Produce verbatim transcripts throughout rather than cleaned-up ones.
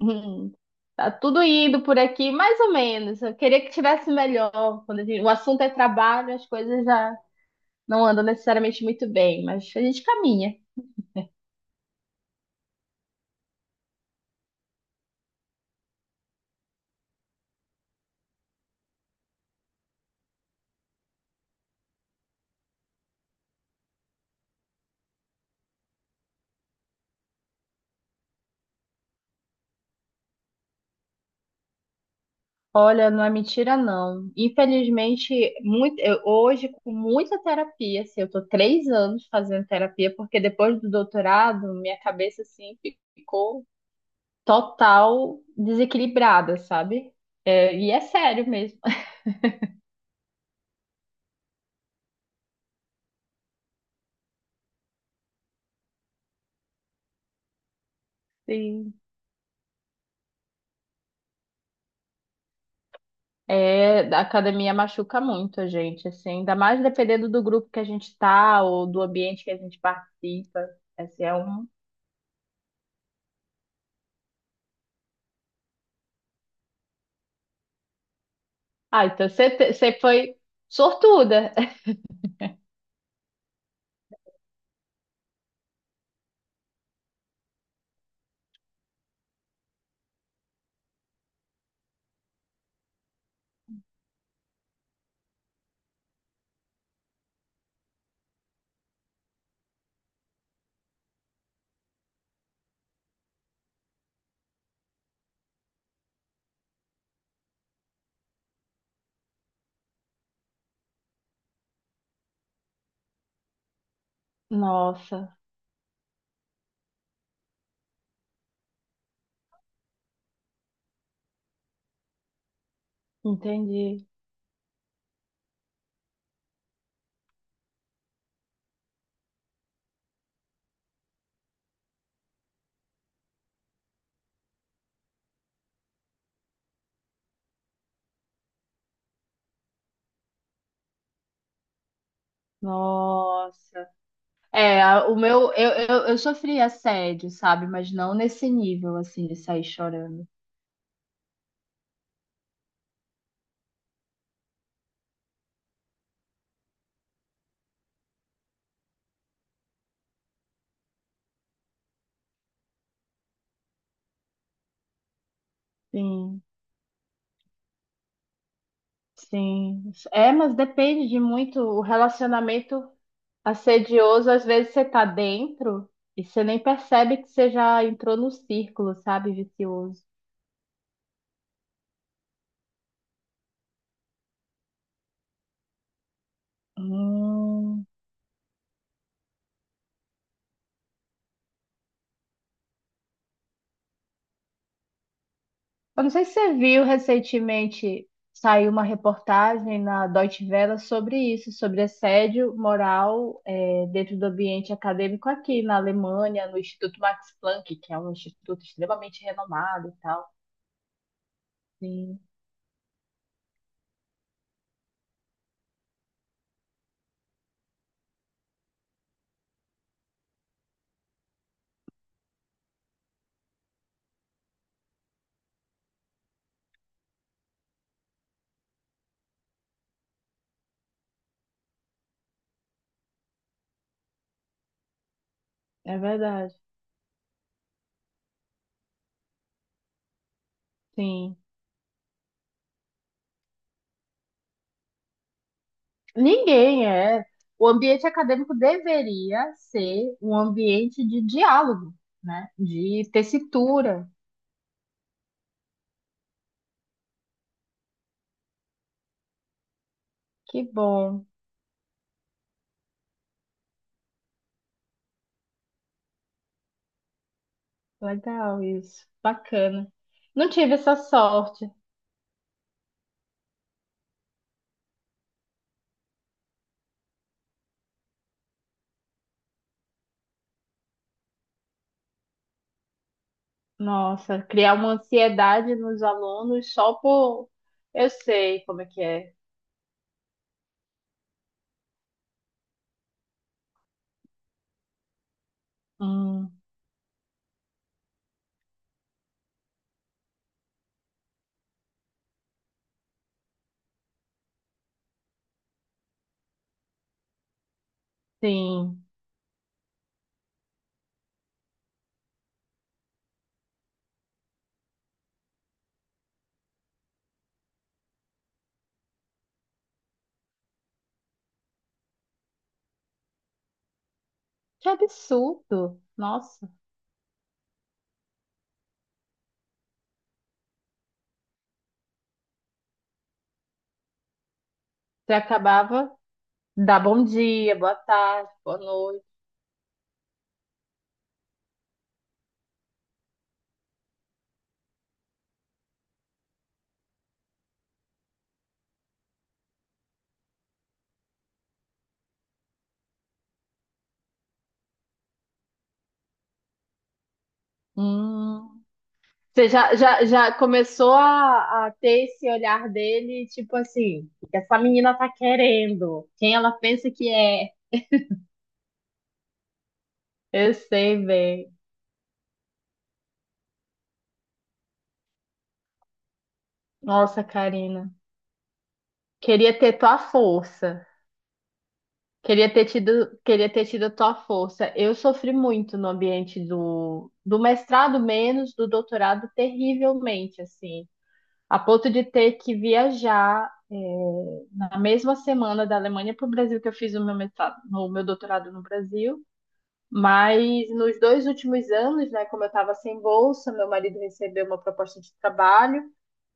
Hum. Tá tudo indo por aqui, mais ou menos. Eu queria que tivesse melhor. Quando a gente- o assunto é trabalho, as coisas já não andam necessariamente muito bem, mas a gente caminha. Olha, não é mentira, não. Infelizmente, muito, eu- hoje, com muita terapia, assim, eu tô três anos fazendo terapia, porque depois do doutorado, minha cabeça, assim, ficou total desequilibrada, sabe? É, e é sério mesmo. É, a academia machuca muito a gente, assim, ainda mais dependendo do grupo que a gente tá ou do ambiente que a gente participa. Assim, é um... Ah, então você te- você foi sortuda. Nossa, entendi. Nossa. É, a- o meu, eu, eu, eu sofri assédio, sabe? Mas não nesse nível, assim, de sair chorando. Sim, sim. É, mas depende de muito o relacionamento. Assedioso, às vezes você tá dentro e você nem percebe que você já entrou no círculo, sabe, vicioso. Hum, Eu não sei se você viu recentemente, saiu uma reportagem na Deutsche Welle sobre isso, sobre assédio moral, eh, dentro do ambiente acadêmico aqui na Alemanha, no Instituto Max Planck, que é um instituto extremamente renomado e tal. Sim, é verdade. Sim. Ninguém é. O ambiente acadêmico deveria ser um ambiente de diálogo, né? De tessitura. Que bom, legal isso, bacana. Não tive essa sorte. Nossa, criar uma ansiedade nos alunos só por. Eu sei como é que é. Hum, sim. Que absurdo. Nossa, você acabava de dar bom dia, boa tarde, boa noite. Hum. Você já, já, já começou a, a ter esse olhar dele, tipo assim, o que essa menina tá querendo? Quem ela pensa que é? Eu sei, bem. Nossa, Karina. Queria ter tua força. Queria ter tido, queria ter tido a tua força. Eu sofri muito no ambiente do, do mestrado, menos do doutorado, terrivelmente, assim. A ponto de ter que viajar, é, na mesma semana da Alemanha para o Brasil, que eu fiz o meu mestrado, o meu doutorado no Brasil. Mas nos dois últimos anos, né, como eu estava sem bolsa, meu marido recebeu uma proposta de trabalho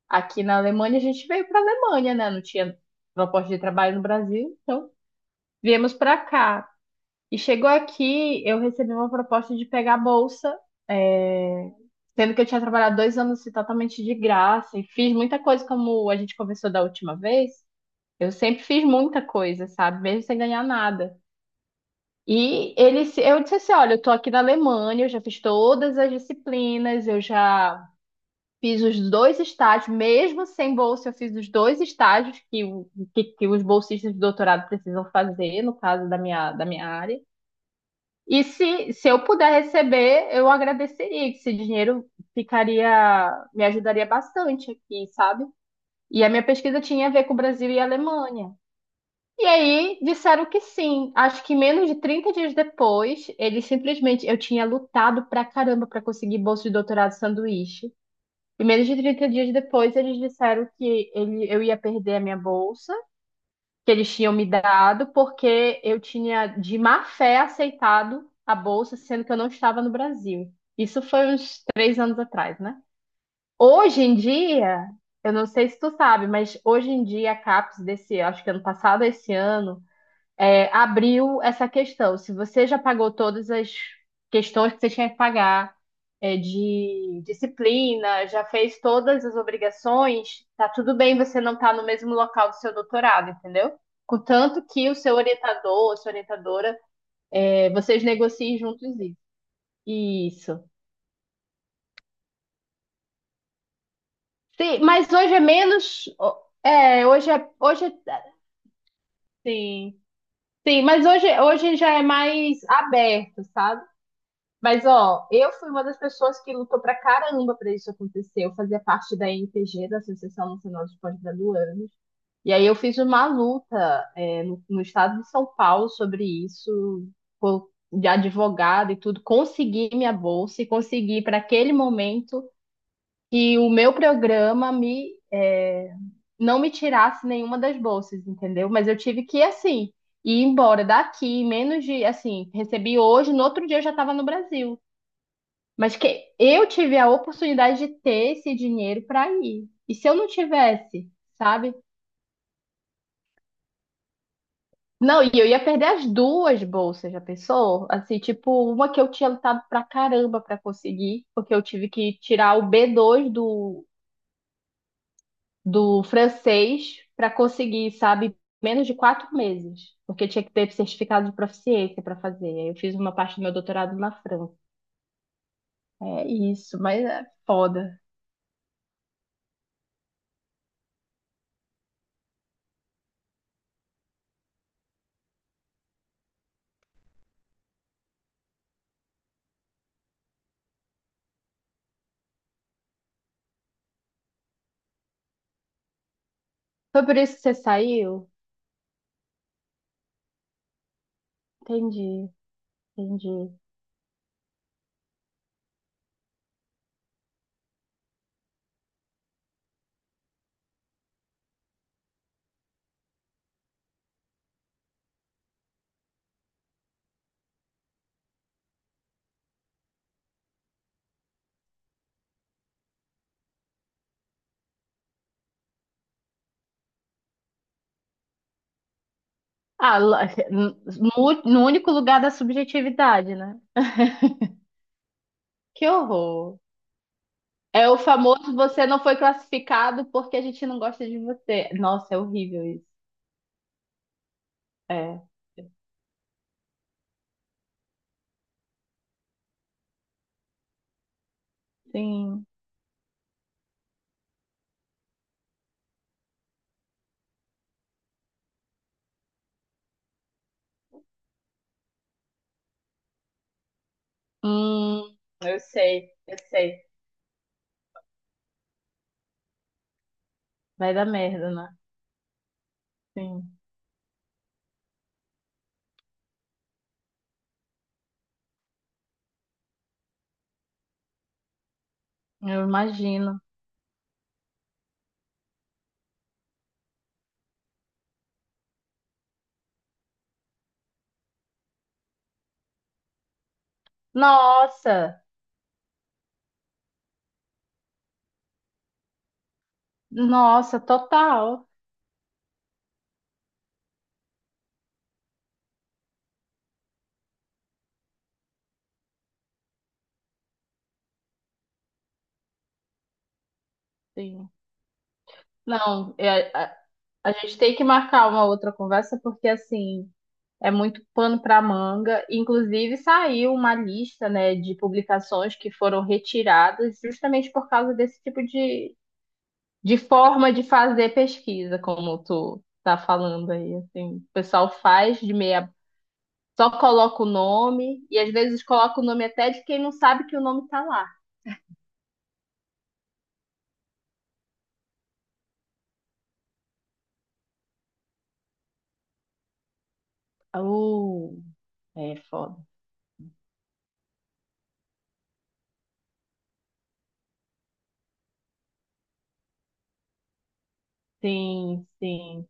aqui na Alemanha. A gente veio para a Alemanha, né? Não tinha proposta de trabalho no Brasil, então viemos para cá. E chegou aqui, eu recebi uma proposta de pegar a bolsa, é, sendo que eu tinha trabalhado dois anos assim, totalmente de graça e fiz muita coisa, como a gente conversou da última vez. Eu sempre fiz muita coisa, sabe? Mesmo sem ganhar nada. E ele, se- eu disse assim, olha, eu tô aqui na Alemanha, eu já fiz todas as disciplinas, eu já fiz os dois estágios, mesmo sem bolsa, eu fiz os dois estágios que, o- que, que os bolsistas de doutorado precisam fazer, no caso da minha, da minha área. E se, se eu puder receber, eu agradeceria, que esse dinheiro ficaria, me ajudaria bastante aqui, sabe? E a minha pesquisa tinha a ver com o Brasil e a Alemanha. E aí disseram que sim. Acho que menos de trinta dias depois, eles simplesmente. Eu tinha lutado pra caramba pra conseguir bolsa de doutorado sanduíche. E menos de trinta dias depois, eles disseram que ele, eu ia perder a minha bolsa, que eles tinham me dado, porque eu tinha de má fé aceitado a bolsa, sendo que eu não estava no Brasil. Isso foi uns três anos atrás, né? Hoje em dia, eu não sei se tu sabe, mas hoje em dia a CAPES desse, acho que ano passado, esse ano é, abriu essa questão. Se você já pagou todas as questões que você tinha que pagar, é, de disciplina, já fez todas as obrigações, tá tudo bem você não estar no mesmo local do seu doutorado, entendeu? Contanto que o seu orientador, a sua orientadora, é, vocês negociem juntos isso. Isso. Sim, mas hoje é menos. É, hoje é, hoje é, sim. Sim, mas hoje, hoje já é mais aberto, sabe? Mas, ó, eu fui uma das pessoas que lutou pra caramba pra isso acontecer. Eu fazia parte da N P G, da Associação Nacional de Pós-Graduandos. E aí eu fiz uma luta, é, no, no estado de São Paulo sobre isso, co- de advogado e tudo. Consegui minha bolsa e consegui para aquele momento que o meu programa me, é, não me tirasse nenhuma das bolsas, entendeu? Mas eu tive que, assim, ir embora daqui, menos de, assim, recebi hoje, no outro dia eu já estava no Brasil. Mas que eu tive a oportunidade de ter esse dinheiro para ir. E se eu não tivesse, sabe? Não, e eu ia perder as duas bolsas, já pensou? Assim, tipo, uma que eu tinha lutado pra caramba pra conseguir, porque eu tive que tirar o B dois do, do francês pra conseguir, sabe? Menos de quatro meses, porque tinha que ter certificado de proficiência pra fazer. Aí eu fiz uma parte do meu doutorado na França. É isso, mas é foda. Foi por isso que você saiu? Entendi, entendi. Ah, lá- no, no único lugar da subjetividade, né? Que horror. É o famoso você não foi classificado porque a gente não gosta de você. Nossa, é horrível isso. É, sim. Hum, eu sei, eu sei. Vai dar merda, né? Sim, eu imagino. Nossa, nossa, total. Sim. Não, é- a, a gente tem que marcar uma outra conversa porque assim. É muito pano para manga. Inclusive, saiu uma lista, né, de publicações que foram retiradas justamente por causa desse tipo de, de forma de fazer pesquisa, como tu tá falando aí, assim. O pessoal faz de meia, só coloca o nome e às vezes coloca o nome até de quem não sabe que o nome tá lá. Uh, é foda. Sim, sim.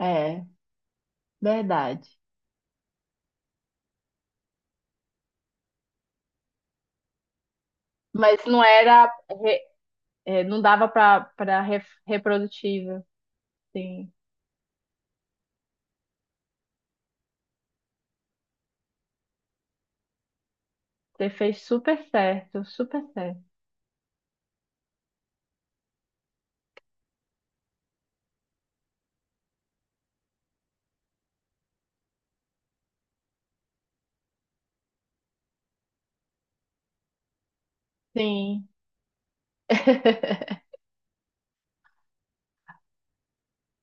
É, verdade. Mas não era, re- é, não dava para para reprodutível, sim. Você fez super certo, super certo. Sim.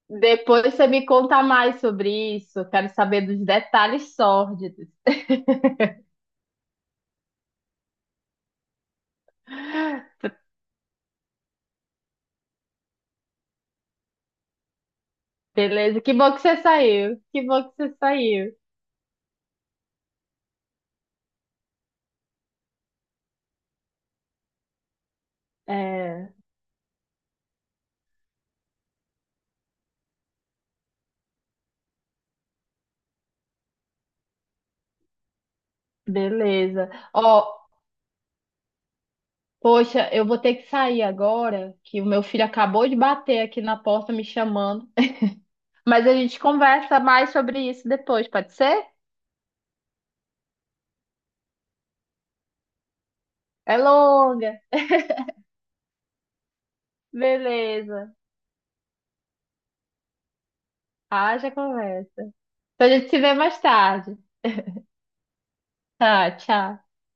Depois você me conta mais sobre isso. Quero saber dos detalhes sórdidos. Beleza? Que bom que você saiu. Que bom que você saiu. É, beleza. Ó, poxa, eu vou ter que sair agora, que o meu filho acabou de bater aqui na porta me chamando. Mas a gente conversa mais sobre isso depois, pode ser? É longa. Beleza. Haja conversa. Então a gente se vê mais tarde. Tá, tchau.